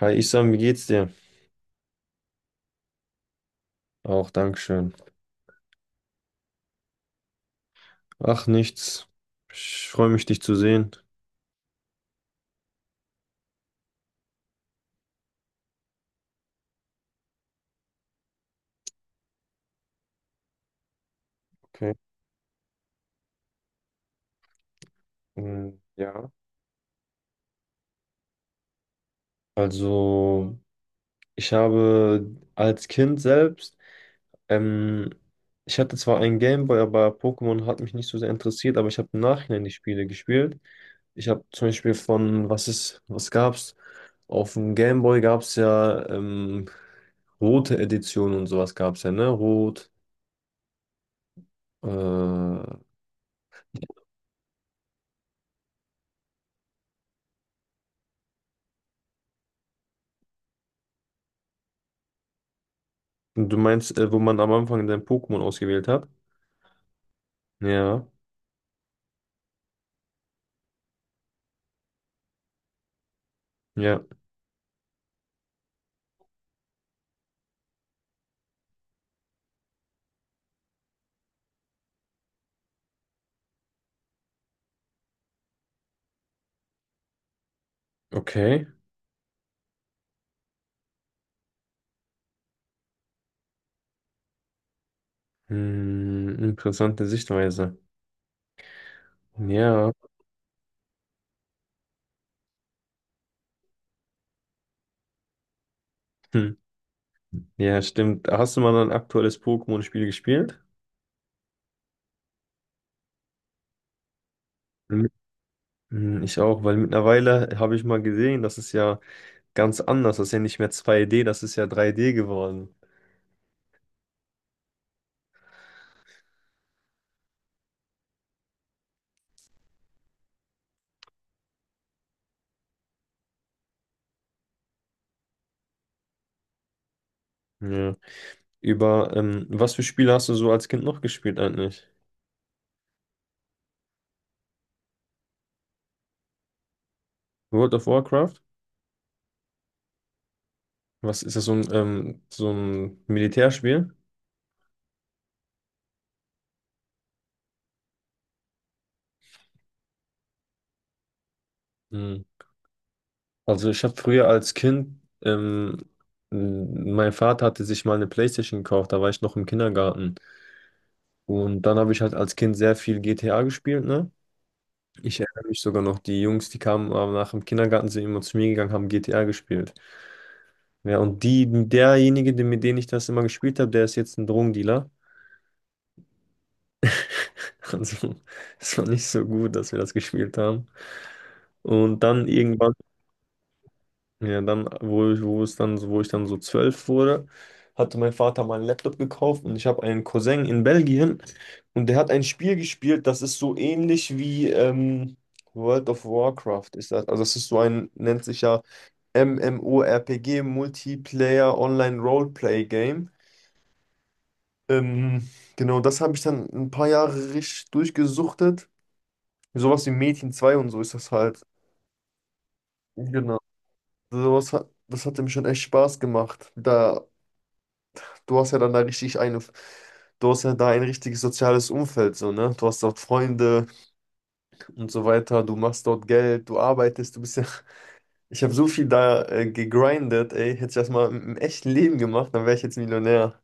Hi Isam, wie geht's dir? Auch, Dankeschön. Ach, nichts. Ich freue mich, dich zu sehen. Okay. Mm, ja. Also, ich habe als Kind selbst, ähm, ich hatte zwar einen Gameboy, aber Pokémon hat mich nicht so sehr interessiert, aber ich habe im Nachhinein die Spiele gespielt. Ich habe zum Beispiel von, was ist, was gab's? Auf dem Gameboy gab's ja rote Edition und sowas gab's ja, ne? Rot, äh, Und Du meinst, wo man am Anfang dein Pokémon ausgewählt hat? Ja, ja, okay. Hm, interessante Sichtweise. Ja, hm. Ja, stimmt. Hast du mal ein aktuelles Pokémon-Spiel gespielt? Mhm. Hm, ich auch, weil mittlerweile habe ich mal gesehen, das ist ja ganz anders. Das ist ja nicht mehr 2D, das ist ja 3D geworden. Ja. Über, was für Spiele hast du so als Kind noch gespielt eigentlich? World of Warcraft? Was ist das, so ein Militärspiel? Hm. Also ich habe früher als Kind, mein Vater hatte sich mal eine PlayStation gekauft, da war ich noch im Kindergarten. Und dann habe ich halt als Kind sehr viel GTA gespielt, ne? Ich erinnere mich sogar noch, die Jungs, die kamen nach dem Kindergarten, sind immer zu mir gegangen, haben GTA gespielt. Ja, und die, derjenige, mit dem ich das immer gespielt habe, der ist jetzt ein Drogendealer. Also, es war nicht so gut, dass wir das gespielt haben. Und dann irgendwann. Ja, dann, wo ich, wo es dann, wo ich dann so 12 wurde, hatte mein Vater mal einen Laptop gekauft und ich habe einen Cousin in Belgien und der hat ein Spiel gespielt, das ist so ähnlich wie World of Warcraft ist das. Also das ist so ein, nennt sich ja MMORPG, Multiplayer Online Roleplay Game. Ähm, genau, das habe ich dann ein paar Jahre richtig durchgesuchtet. Sowas wie Mädchen 2 und so ist das halt. Genau. Also, sowas hat, das hat ihm schon echt Spaß gemacht. Da du hast ja dann da richtig eine, du hast ja da ein richtiges soziales Umfeld, so, ne? Du hast dort Freunde und so weiter, du machst dort Geld, du arbeitest, du bist ja. Ich habe so viel da gegrindet, ey. Hätte ich das mal im echten Leben gemacht, dann wäre ich jetzt Millionär.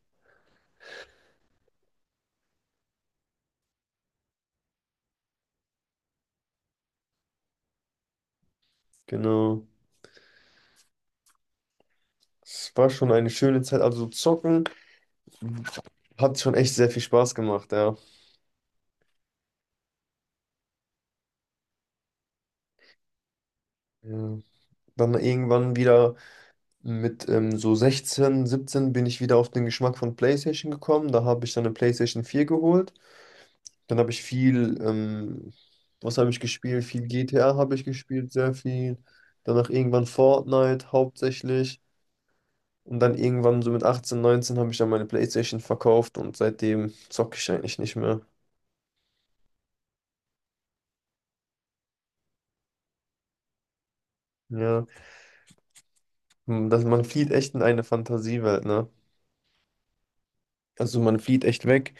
Genau. Es war schon eine schöne Zeit. Also zocken hat schon echt sehr viel Spaß gemacht, ja. Ja. Dann irgendwann wieder mit so 16, 17 bin ich wieder auf den Geschmack von PlayStation gekommen. Da habe ich dann eine PlayStation 4 geholt. Dann habe ich viel, was habe ich gespielt? Viel GTA habe ich gespielt, sehr viel. Danach irgendwann Fortnite hauptsächlich. Und dann irgendwann so mit 18, 19 habe ich dann meine PlayStation verkauft und seitdem zocke ich eigentlich nicht mehr. Ja, hm, das, man flieht echt in eine Fantasiewelt, ne? Also man flieht echt weg.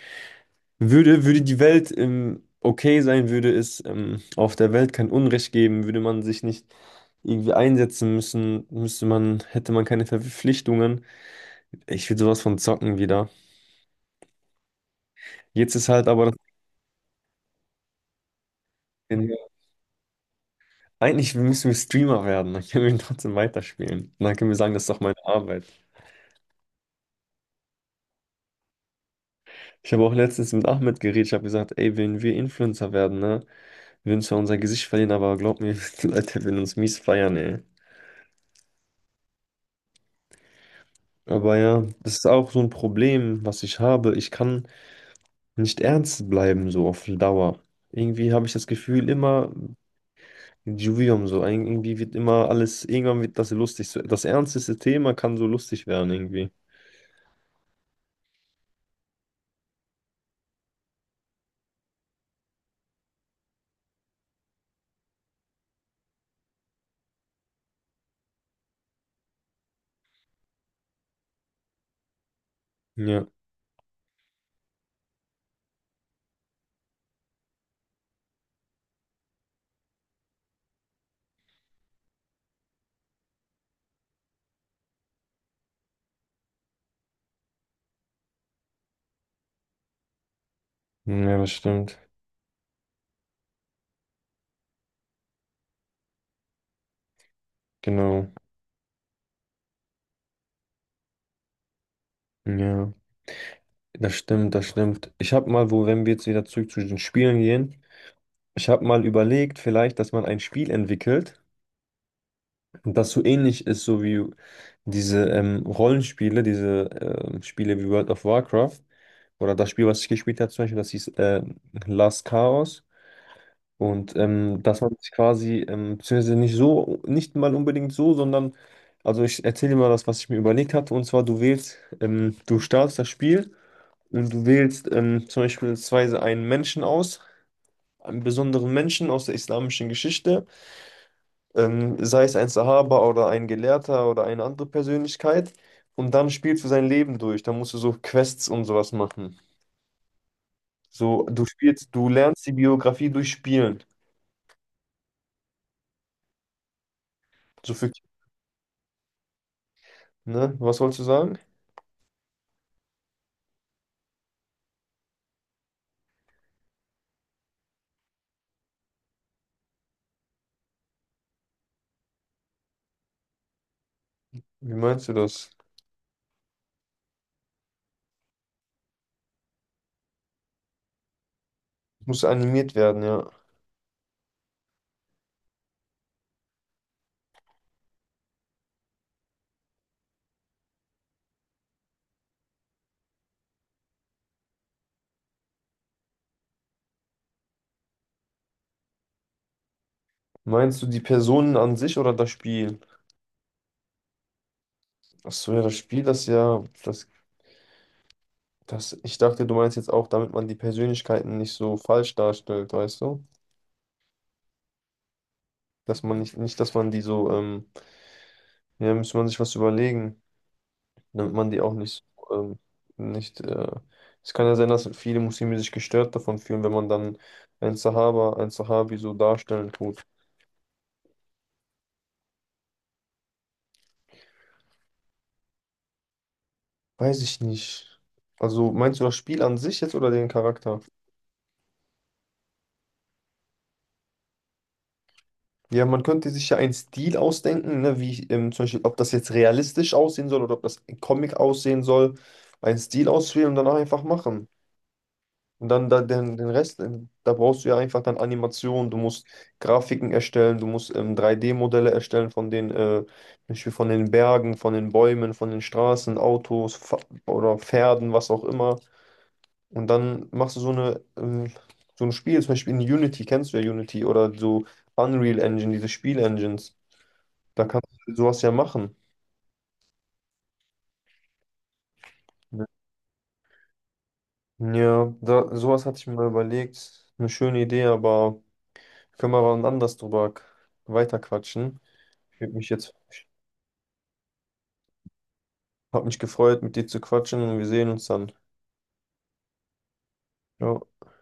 Würde die Welt okay sein, würde es auf der Welt kein Unrecht geben, würde man sich nicht irgendwie einsetzen müssen, müsste man, hätte man keine Verpflichtungen. Ich will sowas von zocken wieder. Jetzt ist halt aber das Problem. Eigentlich müssen wir Streamer werden, dann können wir ihn trotzdem weiterspielen. Und dann können wir sagen, das ist doch meine Arbeit. Ich habe auch letztens mit Ahmed geredet, ich habe gesagt, ey, wenn wir Influencer werden, ne, wir würden zwar unser Gesicht verlieren, aber glaub mir, die Leute werden uns mies feiern, ey. Aber ja, das ist auch so ein Problem, was ich habe. Ich kann nicht ernst bleiben, so auf Dauer. Irgendwie habe ich das Gefühl, immer Juvium so. Irgendwie wird immer alles, irgendwann wird das lustig. So, das ernsteste Thema kann so lustig werden, irgendwie. Ja, ja, das stimmt. Genau. Ja, das stimmt, das stimmt. Ich habe mal, wo, wenn wir jetzt wieder zurück zu den Spielen gehen, ich habe mal überlegt, vielleicht, dass man ein Spiel entwickelt, das so ähnlich ist, so wie diese Rollenspiele, diese Spiele wie World of Warcraft oder das Spiel, was ich gespielt habe, zum Beispiel, das hieß Last Chaos. Und dass man sich quasi, beziehungsweise nicht so, nicht mal unbedingt so, sondern, also ich erzähle dir mal das, was ich mir überlegt hatte. Und zwar, du wählst, du startest das Spiel und du wählst zum Beispiel einen Menschen aus, einen besonderen Menschen aus der islamischen Geschichte, sei es ein Sahaba oder ein Gelehrter oder eine andere Persönlichkeit. Und dann spielst du sein Leben durch. Dann musst du so Quests und sowas machen. So, du spielst, du lernst die Biografie durch Spielen. So für, ne? Was wolltest du sagen? Wie meinst du das? Muss animiert werden, ja. Meinst du die Personen an sich oder das Spiel? Ach so, ja, das Spiel, das ja, das, ich dachte, du meinst jetzt auch, damit man die Persönlichkeiten nicht so falsch darstellt, weißt du? Dass man nicht, nicht, dass man die so, ja, müsste man sich was überlegen, damit man die auch nicht so, nicht, es kann ja sein, dass viele Muslime sich gestört davon fühlen, wenn man dann ein Sahaba, ein Sahabi so darstellen tut. Weiß ich nicht. Also, meinst du das Spiel an sich jetzt oder den Charakter? Ja, man könnte sich ja einen Stil ausdenken, ne, wie zum Beispiel, ob das jetzt realistisch aussehen soll oder ob das Comic aussehen soll. Einen Stil auswählen und dann einfach machen. Und dann da, den Rest, da brauchst du ja einfach dann Animationen, du musst Grafiken erstellen, du musst 3D-Modelle erstellen von den, zum Beispiel von den Bergen, von den Bäumen, von den Straßen, Autos Fa oder Pferden, was auch immer. Und dann machst du so eine, so ein Spiel, zum Beispiel in Unity, kennst du ja Unity oder so Unreal Engine, diese Spielengines. Da kannst du sowas ja machen. Ja, da, sowas hatte ich mir mal überlegt. Eine schöne Idee, aber können wir wann anders drüber weiterquatschen. Ich würde mich jetzt, hab mich gefreut, mit dir zu quatschen und wir sehen uns dann. Ja.